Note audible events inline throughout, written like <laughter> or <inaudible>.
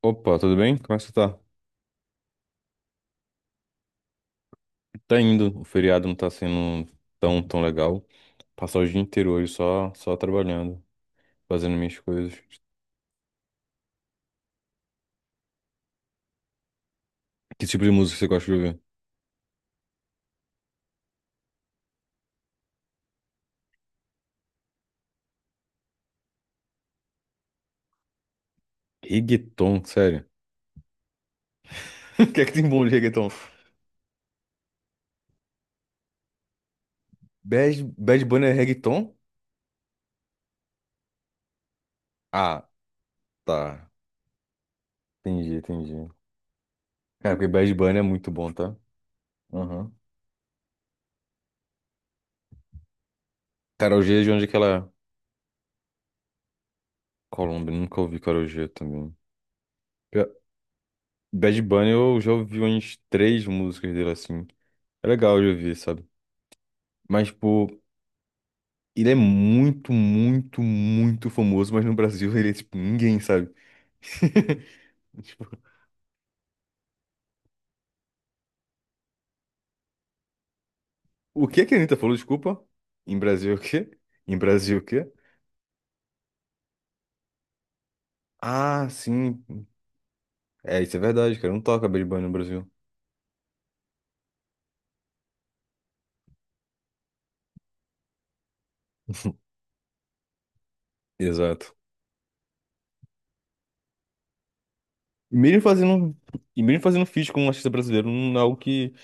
Opa, tudo bem? Como é que você tá? Tá indo. O feriado não tá sendo tão legal. Passar o dia inteiro hoje só trabalhando, fazendo minhas coisas. Que tipo de música você gosta de ouvir? Reggaeton, sério. <laughs> O que é que tem bom de reggaeton? Bad Bunny é reggaeton? Ah, tá. Entendi, entendi. Cara, porque Bad Bunny é muito bom, tá? Aham. Carol G é de onde é que ela é? Colômbia, nunca ouvi Carol G também. Pior- Bad Bunny eu já ouvi umas três músicas dele assim. É legal de ouvir, sabe? Mas, tipo, ele é muito, muito, muito famoso, mas no Brasil ele é tipo ninguém, sabe? <laughs> Tipo, o que que a Anitta falou? Desculpa. Em Brasil é o quê? Em Brasil é o quê? Ah, sim. É, isso é verdade, cara. Não toca Bad Bunny no Brasil. Exato. E mesmo fazendo, e mesmo fazendo feat com um artista brasileiro, não é algo que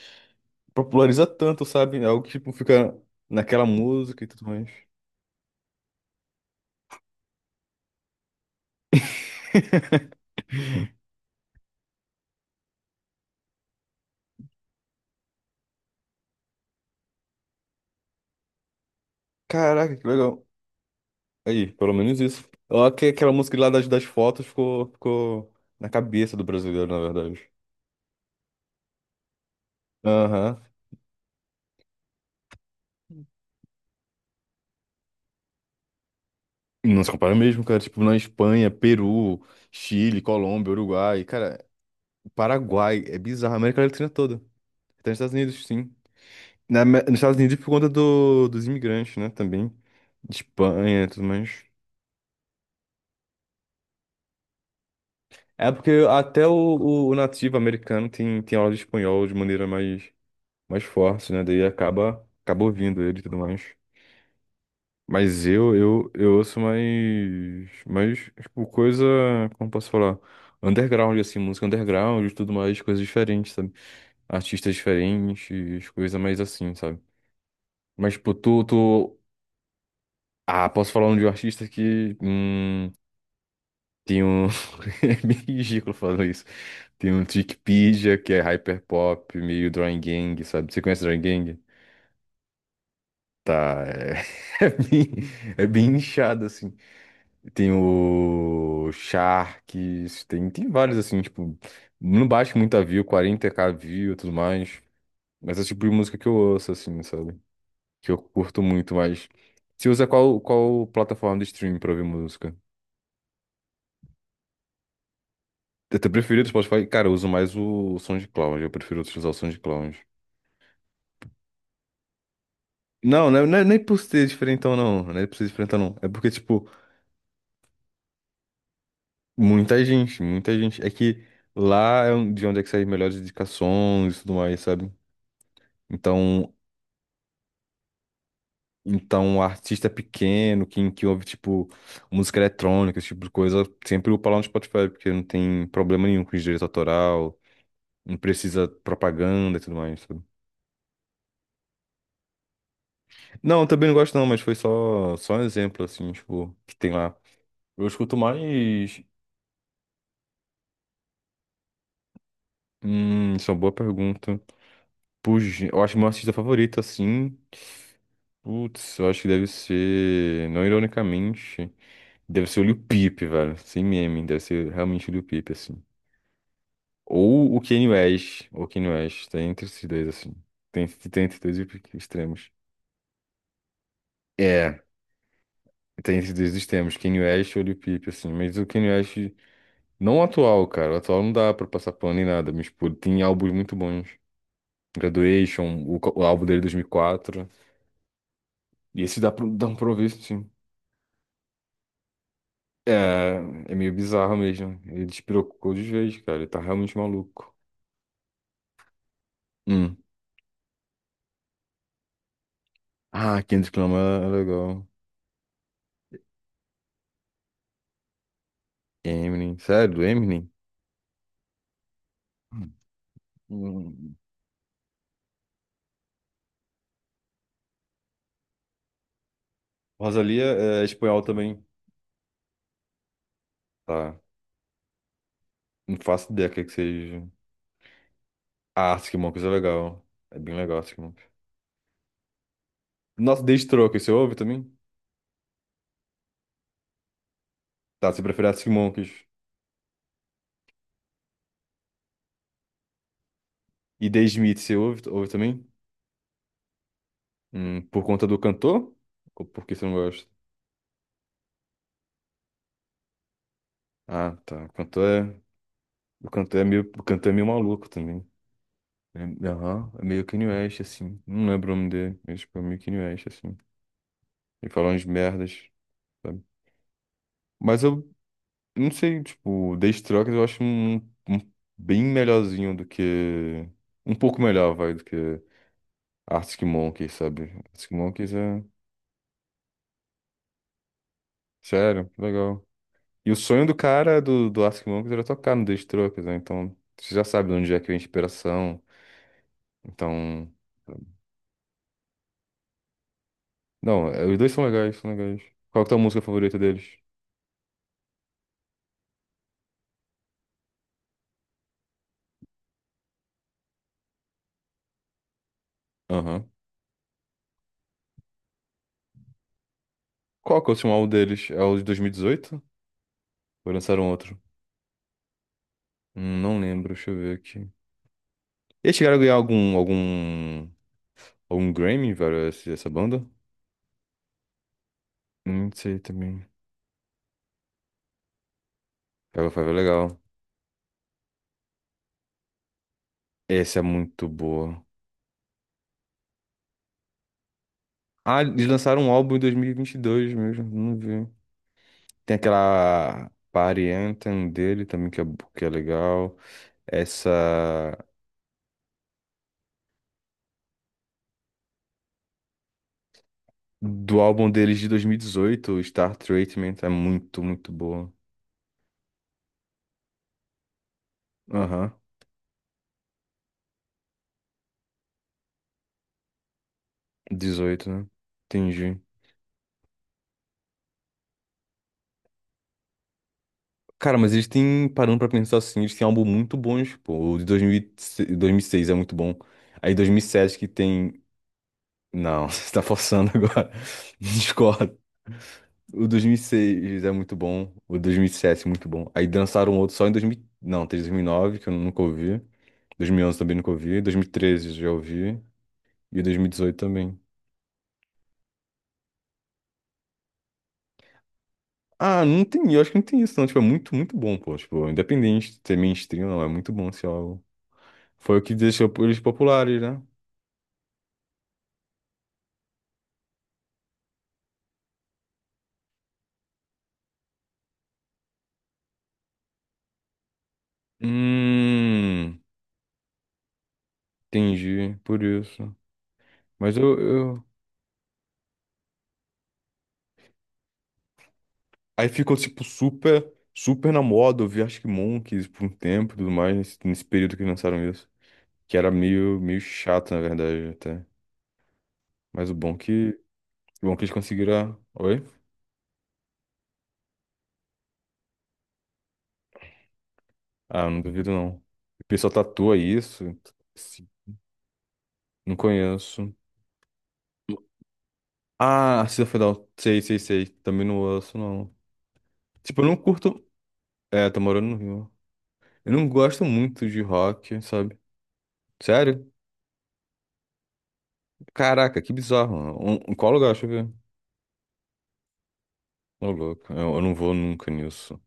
populariza tanto, sabe? É algo que tipo, fica naquela música e tudo mais. Caraca, que legal. Aí, pelo menos isso. Ó, que aquela música lá das fotos ficou, ficou na cabeça do brasileiro, na verdade. Aham. Não se compara mesmo, cara. Tipo, na Espanha, Peru, Chile, Colômbia, Uruguai. Cara, Paraguai. É bizarro. A América Latina toda. Até nos Estados Unidos, sim. Nos Estados Unidos por conta dos imigrantes, né? Também. De Espanha e tudo mais. É porque até o nativo americano tem aula de espanhol de maneira mais forte, né? Daí acaba ouvindo ele e tudo mais. Mas eu ouço tipo, coisa, como posso falar? Underground, assim, música underground e tudo mais, coisas diferentes, sabe? Artistas diferentes, coisa mais assim, sabe? Mas, tipo, Ah, posso falar um de um artista que, tem um... <laughs> É meio ridículo falando isso. Tem um Trickpedia, que é hyperpop, meio Drawing Gang, sabe? Você conhece Drawing Gang? Tá, é, <laughs> é bem, é bem inchado, assim. Tem o Sharks, tem vários assim, tipo, não bate muita view, 40K view e tudo mais. Mas é o tipo de música que eu ouço, assim, sabe? Que eu curto muito, mas. Você usa qual plataforma de streaming pra ouvir música? Eu tenho preferido o Spotify. Cara, eu uso mais o SoundCloud, eu prefiro utilizar o SoundCloud. Não, não é nem por ser diferentão, não. Não é por ser diferentão, não. É porque, tipo, muita gente. É que lá é de onde é que saem melhores indicações e tudo mais, sabe? Então, então, um artista pequeno, que ouve, tipo, música eletrônica, esse tipo de coisa, sempre upa lá no Spotify, porque não tem problema nenhum com direito autoral, não precisa propaganda e tudo mais, sabe? Não, eu também não gosto não, mas foi só um exemplo, assim, tipo, que tem lá. Eu escuto mais... isso é uma boa pergunta. Puxa, eu acho que meu artista favorito, assim... Putz, eu acho que deve ser... Não ironicamente, deve ser o Lil Peep, velho. Sem meme, deve ser realmente o Lil Peep, assim. Ou o Kanye West. Ou o Kanye West. Tem entre esses dois, assim. Tem entre dois extremos. É, tem esses dois extremos, Kanye West e Lil Peep, assim, mas o Kanye West, não o atual, cara, o atual não dá pra passar pano nem nada, mas, pô, tem álbuns muito bons, Graduation, o álbum dele de 2004, e quatro, e esse dá pra ouvir, sim. É, é meio bizarro mesmo, ele despirocou de vez, cara, ele tá realmente maluco. Hum. Ah, Kendrick Lamar é legal. Eminem, sério, Eminem? Hum. Rosalia é é espanhol também, tá? Não faço ideia o que é que seja. Ah, Arctic Monkeys é legal. É bem legal, Arctic Monkeys. Nossa, The Strokes, você ouve também? Tá, você prefere Arctic Monkeys. E The Smiths, você ouve também? Por conta do cantor? Ou porque você não gosta? Ah, tá. O cantor é meio, o cantor é meio maluco também. É, aham, é meio Kanye West, assim. Não lembro o nome dele, mas tipo, é meio Kanye West, assim. Ele fala umas merdas, sabe? Mas eu não sei, tipo, Days Truckers eu acho um, um bem melhorzinho do que. Um pouco melhor, vai, do que Arctic Monkeys, sabe? Arctic Monkeys é. Sério, legal. E o sonho do cara do Arctic Monkeys era tocar no Days Truckers, né? Então, você já sabe de onde é que vem a inspiração. Então. Não, é, os dois são legais, são legais. Qual que é a tua música favorita deles? Aham. Qual que é o último álbum deles? É o de 2018? Ou lançaram outro? Não lembro, deixa eu ver aqui. Eles chegaram a ganhar algum um Grammy, velho, essa banda? Não sei também. Pega Five é legal. Essa é muito boa. Ah, eles lançaram um álbum em 2022 mesmo, não vi. Tem aquela Party Anthem dele também, que é legal. Essa do álbum deles de 2018, Star Treatment, é muito, muito boa. Aham, 18, né? Entendi. Cara, mas eles têm, parando pra pensar assim, eles têm álbum muito bons, pô. O de 2006 2006 é muito bom. Aí 2007 que tem Não, <laughs> você tá forçando agora. <laughs> Discordo. O 2006 é muito bom. O 2007 é muito bom. Aí dançaram outro só em 2000... Não, teve 2009, que eu nunca ouvi. 2011 também nunca ouvi. 2013 já ouvi. E 2018 também. Ah, não tem... Eu acho que não tem isso, não. Tipo, é muito, muito bom, pô. Tipo, independente de ser mainstream, não. É muito bom esse álbum. Foi o que deixou eles populares, né? Hum... Entendi. Por isso. Mas Aí ficou, tipo, super, super na moda. Eu vi acho que Monkeys por um tempo e tudo mais, nesse período que lançaram isso. Que era meio, meio chato, na verdade, até. Mas o bom que eles conseguiram. Oi? Ah, não duvido, não. O pessoal tatua isso. Sim. Não conheço. Ah, Arcida Federal. Sei, sei, sei. Também não ouço, não. Tipo, eu não curto. É, tá morando no Rio. Eu não gosto muito de rock, sabe? Sério? Caraca, que bizarro, mano. Um, em qual lugar? Deixa eu ver. Ô, louco, eu não vou nunca nisso.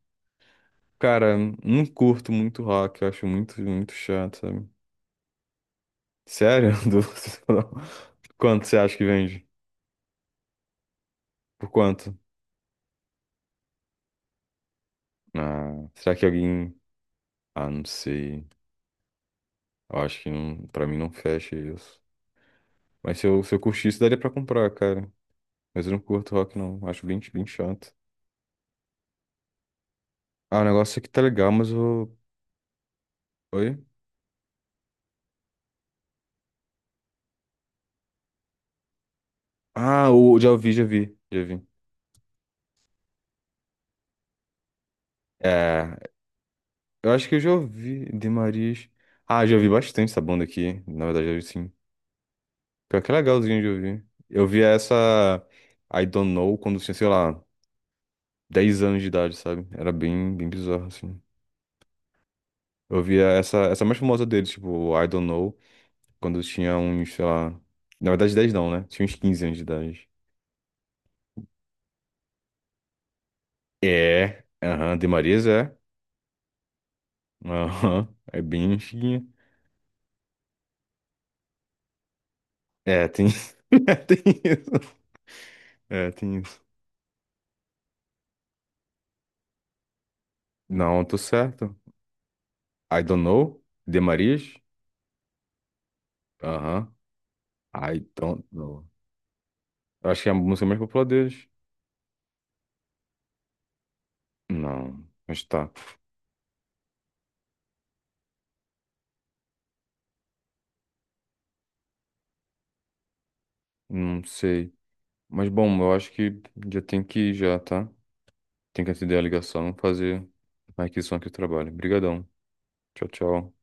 Cara, não curto muito rock, eu acho muito, muito chato, sabe? Sério? <laughs> Quanto você acha que vende? Por quanto? Ah, será que alguém. Ah, não sei. Eu acho que não, pra mim não fecha isso. Mas se eu curtisse, daria pra comprar, cara. Mas eu não curto rock, não. Acho bem, bem chato. Ah, o negócio aqui tá legal, mas eu. Oi? Ah, o, já vi, já vi, já vi. É, eu acho que eu já ouvi de Marias. Ah, já ouvi bastante essa banda aqui. Na verdade, eu sim. Pior que é legalzinho de ouvir. Eu via essa I Don't Know quando eu tinha, sei lá, 10 anos de idade, sabe? Era bem, bem bizarro, assim. Eu via essa mais famosa deles, tipo, I Don't Know, quando eu tinha uns, sei lá. Na verdade, dez não, né? Tinha uns 15 anos de idade. É, aham, de Marias é. Aham, é bem antiguinha. É, tem. <laughs> é Tem isso. É, tem isso. Não, tô certo. I Don't Know, de Marias. Aham. I Don't Know. Eu acho que é a música mais popular deles. Não, mas tá. Não sei. Mas bom, eu acho que já tem que ir já, tá? Tem que atender a ligação, fazer a requisição aqui do trabalho. Obrigadão. Tchau, tchau.